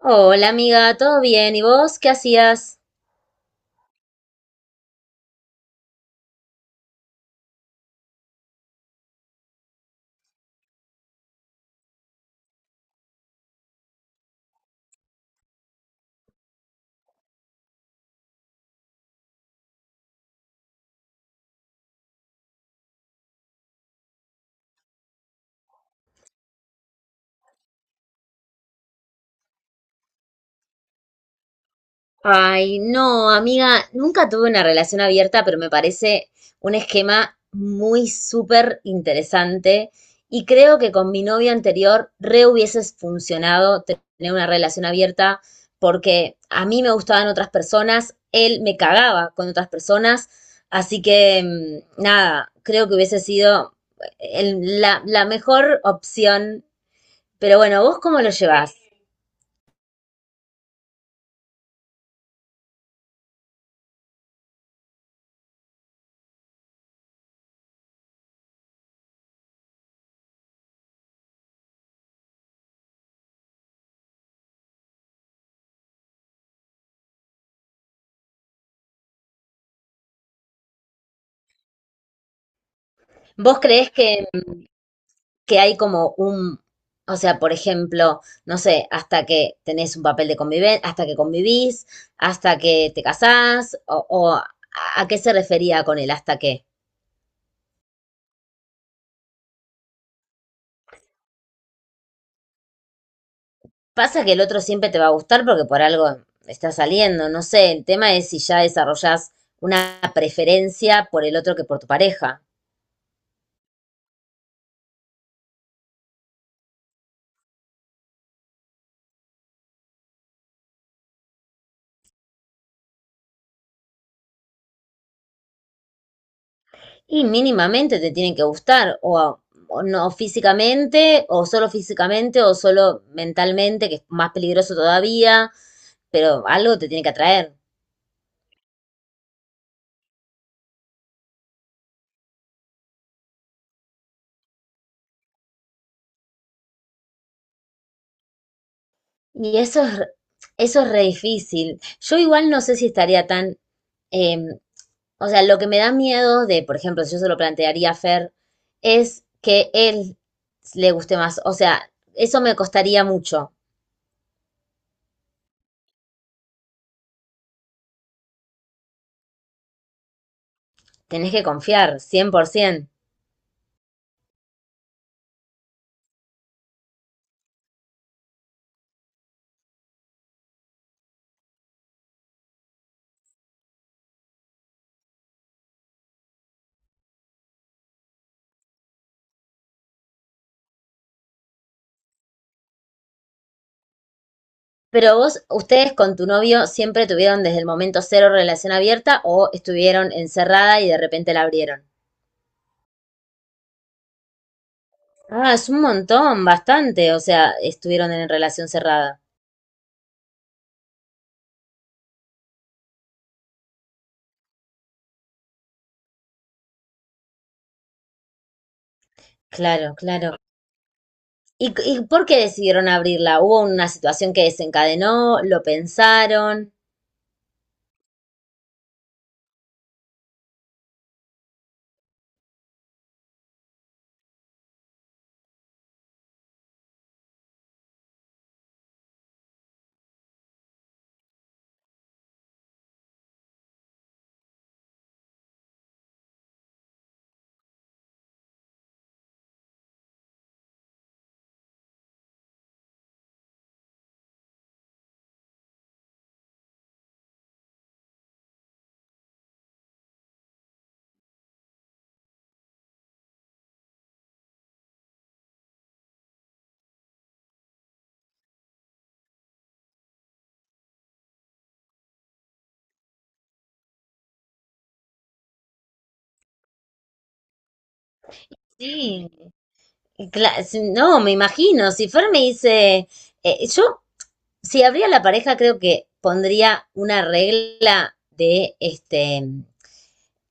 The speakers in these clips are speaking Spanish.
Hola amiga, ¿todo bien? ¿Y vos qué hacías? Ay, no, amiga, nunca tuve una relación abierta, pero me parece un esquema muy súper interesante y creo que con mi novio anterior re hubieses funcionado tener una relación abierta porque a mí me gustaban otras personas, él me cagaba con otras personas, así que nada, creo que hubiese sido la mejor opción, pero bueno, ¿vos cómo lo llevás? ¿Vos creés que hay como un, o sea, por ejemplo, no sé, hasta que tenés un papel de convivencia, hasta que convivís, hasta que te casás, o a qué se refería con el hasta qué. Pasa que el otro siempre te va a gustar porque por algo está saliendo, no sé, el tema es si ya desarrollás una preferencia por el otro que por tu pareja. Y mínimamente te tienen que gustar, o no físicamente, o solo físicamente, o solo mentalmente, que es más peligroso todavía, pero algo te tiene que atraer. Y eso es re difícil. Yo igual no sé si estaría tan... eh, o sea, lo que me da miedo de, por ejemplo, si yo se lo plantearía a Fer, es que él le guste más. O sea, eso me costaría mucho. Tenés que confiar, 100%. Pero vos, ustedes con tu novio siempre tuvieron desde el momento cero relación abierta o estuvieron encerrada y de repente la abrieron. Ah, es un montón, bastante. O sea, estuvieron en relación cerrada. Claro, claro. Y por qué decidieron abrirla? ¿Hubo una situación que desencadenó? ¿Lo pensaron? Sí, y cla- si- no, me imagino. Si Fer me dice, yo, si abría la pareja, creo que pondría una regla de este,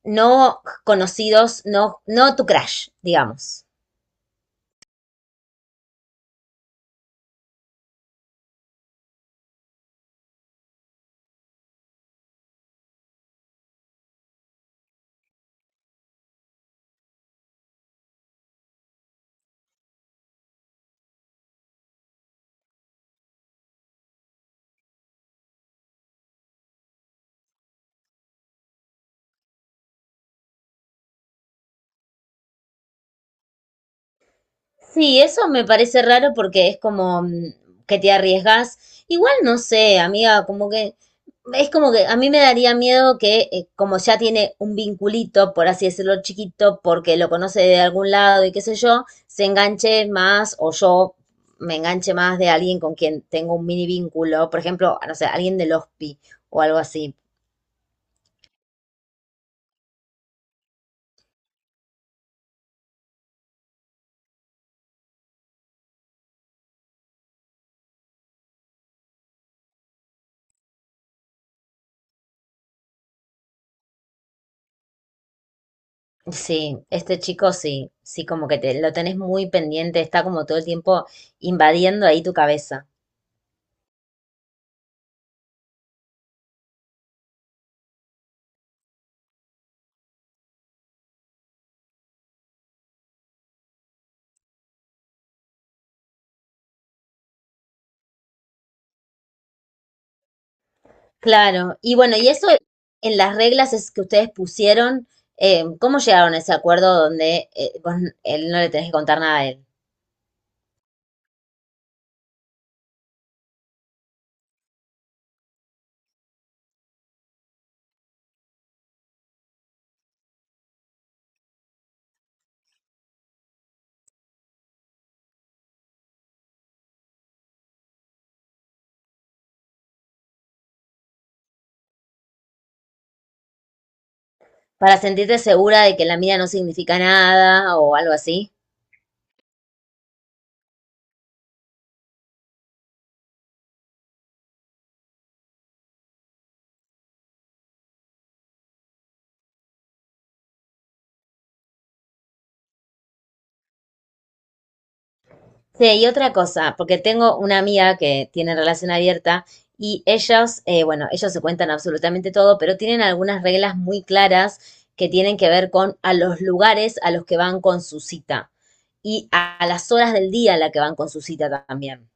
no conocidos, no tu crush, digamos. Sí, eso me parece raro porque es como que te arriesgas. Igual no sé, amiga, como que es como que a mí me daría miedo que como ya tiene un vinculito, por así decirlo, chiquito, porque lo conoce de algún lado y qué sé yo, se enganche más o yo me enganche más de alguien con quien tengo un mini vínculo, por ejemplo, no sé, alguien del hospi o algo así. Sí, este chico sí, sí, como que te, lo tenés muy pendiente, está como todo el tiempo invadiendo ahí tu cabeza. Claro, y bueno, y eso en las reglas es que ustedes pusieron, ¿cómo llegaron a ese acuerdo donde vos n- él no le tenés que contar nada a él? Para sentirte segura de que la mía no significa nada o algo así. Sí, y otra cosa, porque tengo una amiga que tiene relación abierta y ellos, bueno, ellos se cuentan absolutamente todo, pero tienen algunas reglas muy claras que tienen que ver con a los lugares a los que van con su cita y a las horas del día a la que van con su cita también.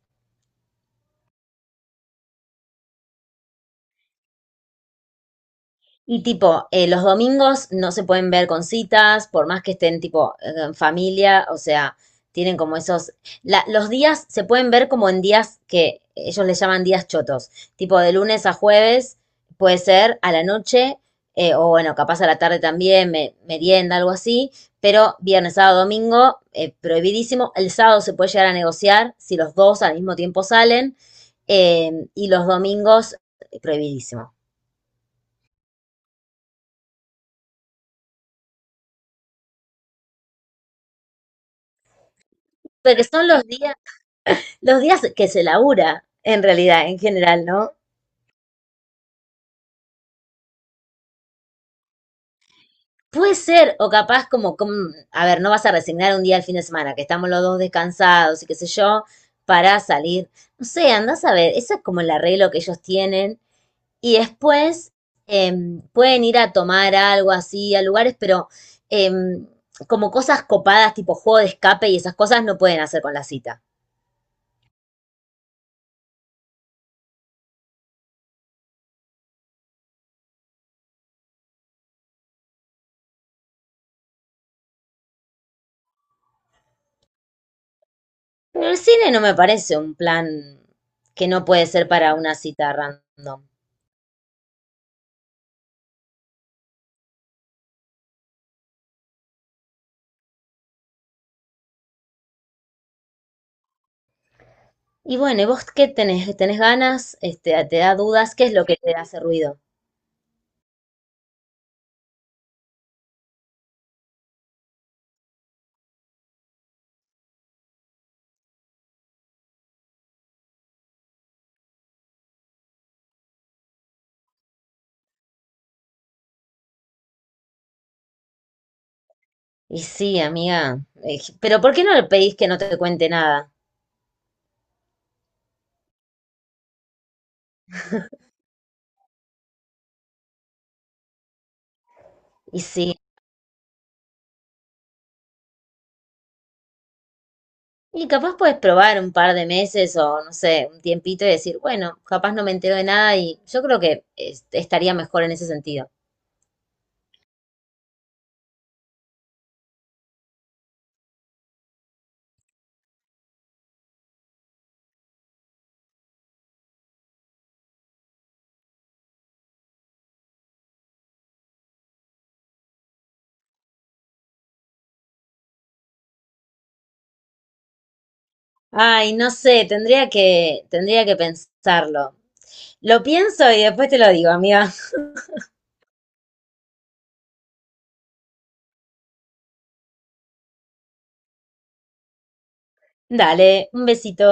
Y tipo, los domingos no se pueden ver con citas, por más que estén tipo en familia, o sea, tienen como esos... los días se pueden ver como en días que ellos les llaman días chotos, tipo de lunes a jueves, puede ser a la noche, o bueno, capaz a la tarde también, me- merienda, algo así, pero viernes, sábado, domingo, prohibidísimo. El sábado se puede llegar a negociar si los dos al mismo tiempo salen, y los domingos, prohibidísimo. Porque son los días que se labura, en realidad, en general, ¿no? Puede ser, o capaz como, a ver, no vas a resignar un día al fin de semana, que estamos los dos descansados y qué sé yo, para salir. No sé, andás a ver, ese es como el arreglo que ellos tienen. Y después eh, pueden ir a tomar algo así a lugares, pero eh, como cosas copadas, tipo juego de escape y esas cosas no pueden hacer con la cita. Pero el cine no me parece un plan que no puede ser para una cita random. Y bueno, ¿y vos qué tenés? ¿Tenés ganas? Este, ¿te da dudas? ¿Qué es lo que te hace ruido? Y sí, amiga. Pero ¿por qué no le pedís que no te cuente nada? Y sí. Y capaz puedes probar un par de meses o no sé, un tiempito y decir, bueno, capaz no me entero de nada y yo creo que es- estaría mejor en ese sentido. Ay, no sé, tendría que pensarlo. Lo pienso y después te lo digo, amiga. Dale, un besito.